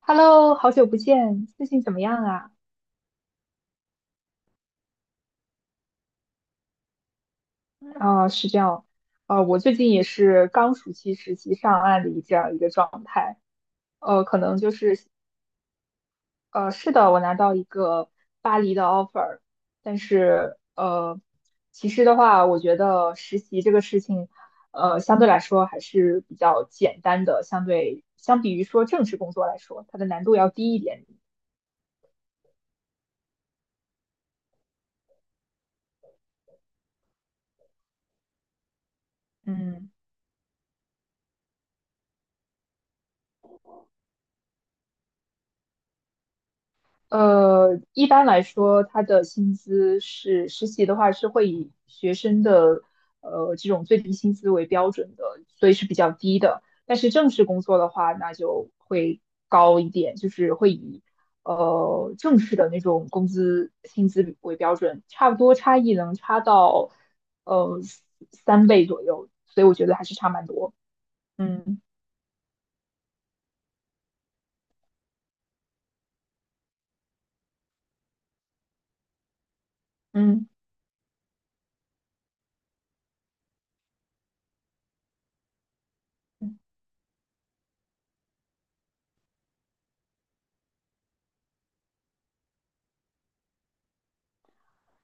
Hello,好久不见，最近怎么样啊？啊、是这样，我最近也是刚暑期实习上岸的一这样一个状态，呃，可能就是，呃，是的，我拿到一个巴黎的 offer,但是,其实的话，我觉得实习这个事情，相对来说还是比较简单的，相比于说正式工作来说，它的难度要低一点，嗯。一般来说，他的薪资是实习的话是会以学生的这种最低薪资为标准的，所以是比较低的。但是正式工作的话，那就会高一点，就是会以正式的那种工资薪资为标准，差不多差异能差到呃三倍左右，所以我觉得还是差蛮多。嗯嗯。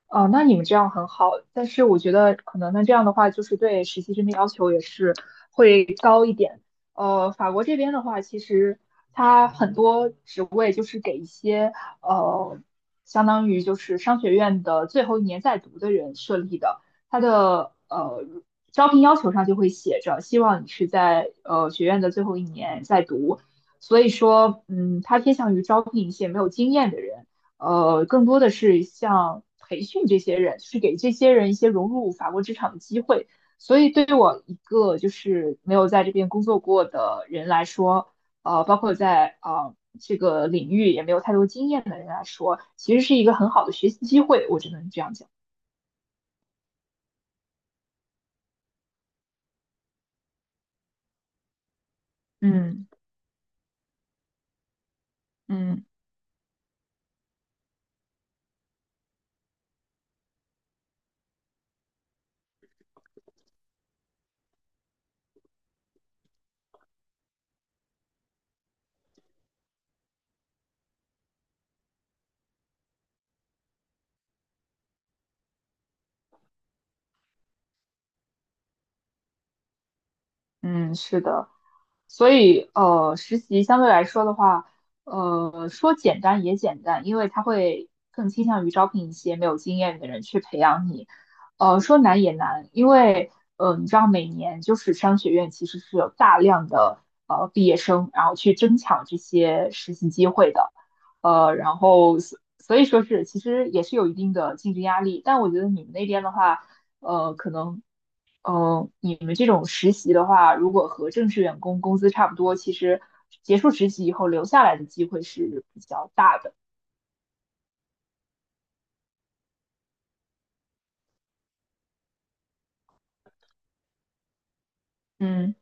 哦，那你们这样很好，但是我觉得可能那这样的话，就是对实习生的要求也是，点法国这边的话，其实它很多职位就是给一些呃，相当于就是商学院的最后一年在读的人设立的，它的招聘要求上就会写着，希望你是在学院的最后一年在读，所以说，嗯，它偏向于招聘一些没有经验的人，更多的是像培训这些人，就是给这些人一些融入法国职场的机会。所以对于我一个就是没有在这边工作过的人来说，包括在这个领域也没有太多经验的人来说，其实是一个很好的学习机会，我只能这样讲。嗯嗯，嗯，是的，所以实习相对来说的话，说简单也简单，因为它会更倾向于招聘一些没有经验的人去培养你。说难也难，因为你知道每年就是商学院其实是有大量的毕业生，然后去争抢这些实习机会的，然后所以说是其实也是有一定的竞争压力，但我觉得你们那边的话。呃，可能嗯，你们这种实习的话，如果和正式员工工资差不多，其实结束实习以后留下来的机会是比较大的。嗯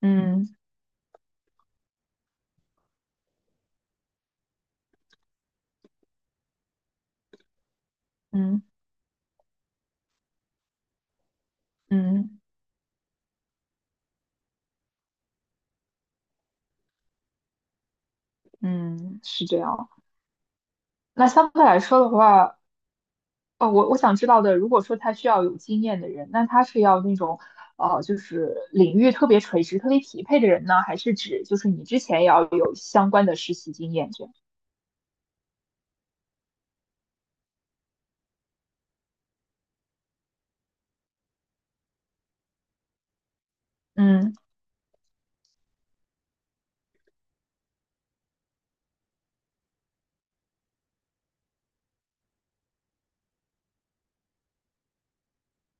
嗯嗯嗯嗯，是这样。那相对来说的话，哦，我想知道的，如果说他需要有经验的人，那他是要那种，就是领域特别垂直、特别匹配的人呢，还是指就是你之前也要有相关的实习经验这样？嗯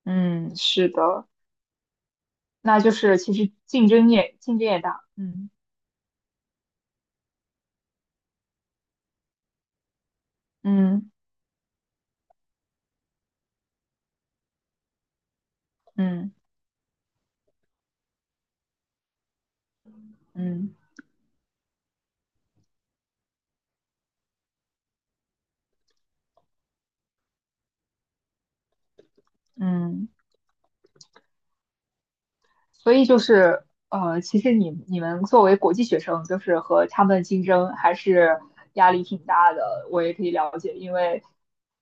嗯，是的。那就是其实竞争也大，嗯嗯嗯嗯嗯，所以就是其实你们作为国际学生，就是和他们竞争还是压力挺大的。我也可以了解，因为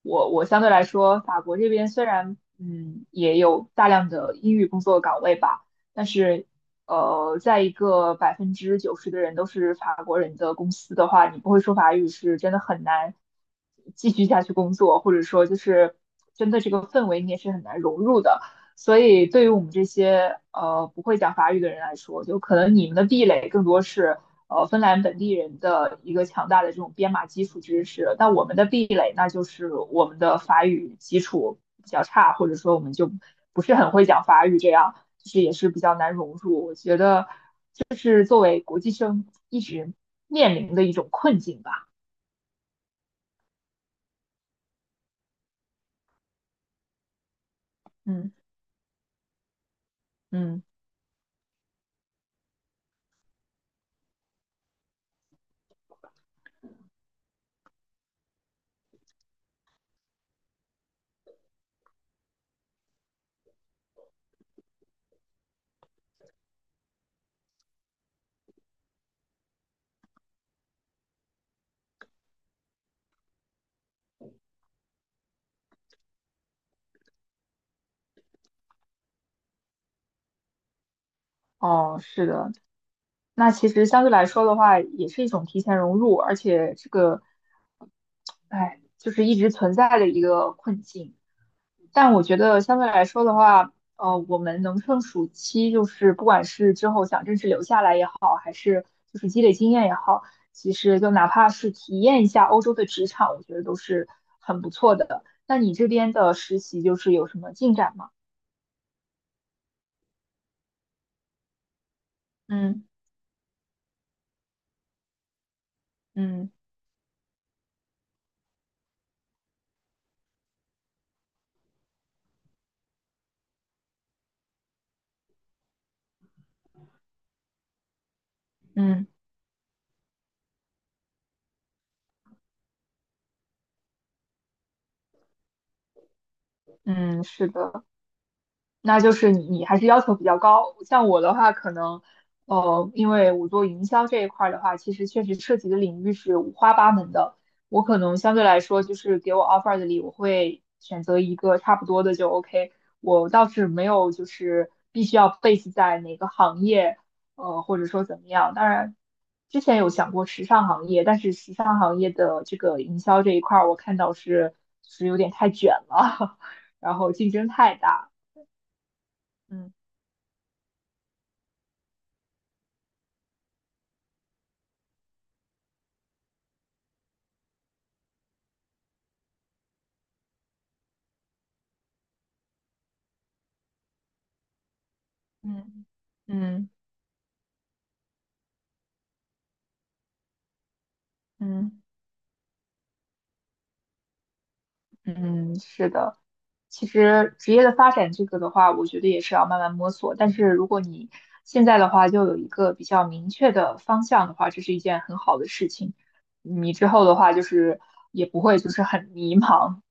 我相对来说，法国这边虽然也有大量的英语工作岗位吧，但是在一个百分之九十的人都是法国人的公司的话，你不会说法语是真的很难继续下去工作，或者说就是真的这个氛围你也是很难融入的。所以对于我们这些不会讲法语的人来说，就可能你们的壁垒更多是芬兰本地人的一个强大的这种编码基础知识，但我们的壁垒那就是我们的法语基础比较差，或者说我们就不是很会讲法语，这样就是也是比较难融入。我觉得这是作为国际生一直面临的一种困境吧。嗯嗯，哦，是的。那其实相对来说的话，也是一种提前融入，而且这个哎，就是一直存在的一个困境。但我觉得相对来说的话，我们能趁暑期，就是不管是之后想正式留下来也好，还是就是积累经验也好，其实就哪怕是体验一下欧洲的职场，我觉得都是很不错的。那你这边的实习就是有什么进展吗？嗯嗯嗯嗯，是的。那就是你还是要求比较高。像我的话，可能因为我做营销这一块儿的话，其实确实涉及的领域是五花八门的。我可能相对来说，就是给我 offer 的里，我会选择一个差不多的就 OK。我倒是没有就是必须要 base 在哪个行业，或者说怎么样。当然，之前有想过时尚行业，但是时尚行业的这个营销这一块儿，我看到是有点太卷了，然后竞争太大。嗯。嗯嗯嗯嗯，是的。其实职业的发展这个的话，我觉得也是要慢慢摸索。但是如果你现在的话就有一个比较明确的方向的话，这是一件很好的事情。你之后的话就是也不会就是很迷茫。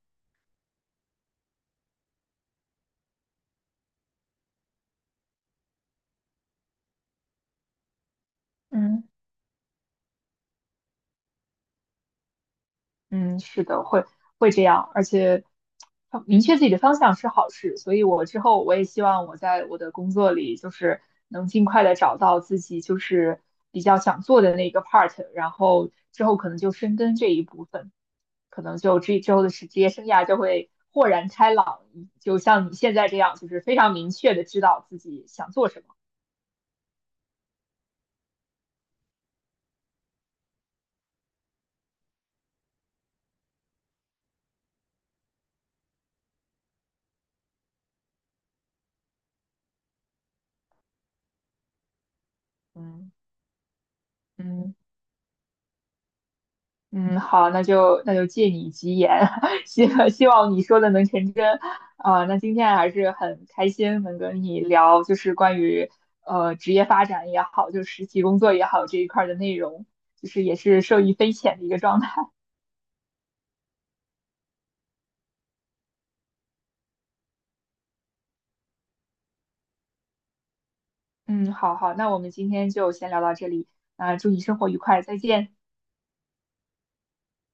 嗯。嗯，是的，会这样，而且明确自己的方向是好事，所以我之后我也希望我在我的工作里就是能尽快的找到自己就是比较想做的那个 part,然后之后可能就深耕这一部分，可能就这之后的职业生涯就会豁然开朗，就像你现在这样，就是非常明确的知道自己想做什么。嗯嗯。嗯，好，那就借你吉言，希望你说的能成真。啊、那今天还是很开心能跟你聊，就是关于职业发展也好，就实习工作也好这一块儿的内容，就是也是受益匪浅的一个状态。嗯，好好，那我们今天就先聊到这里，啊、祝你生活愉快，再见。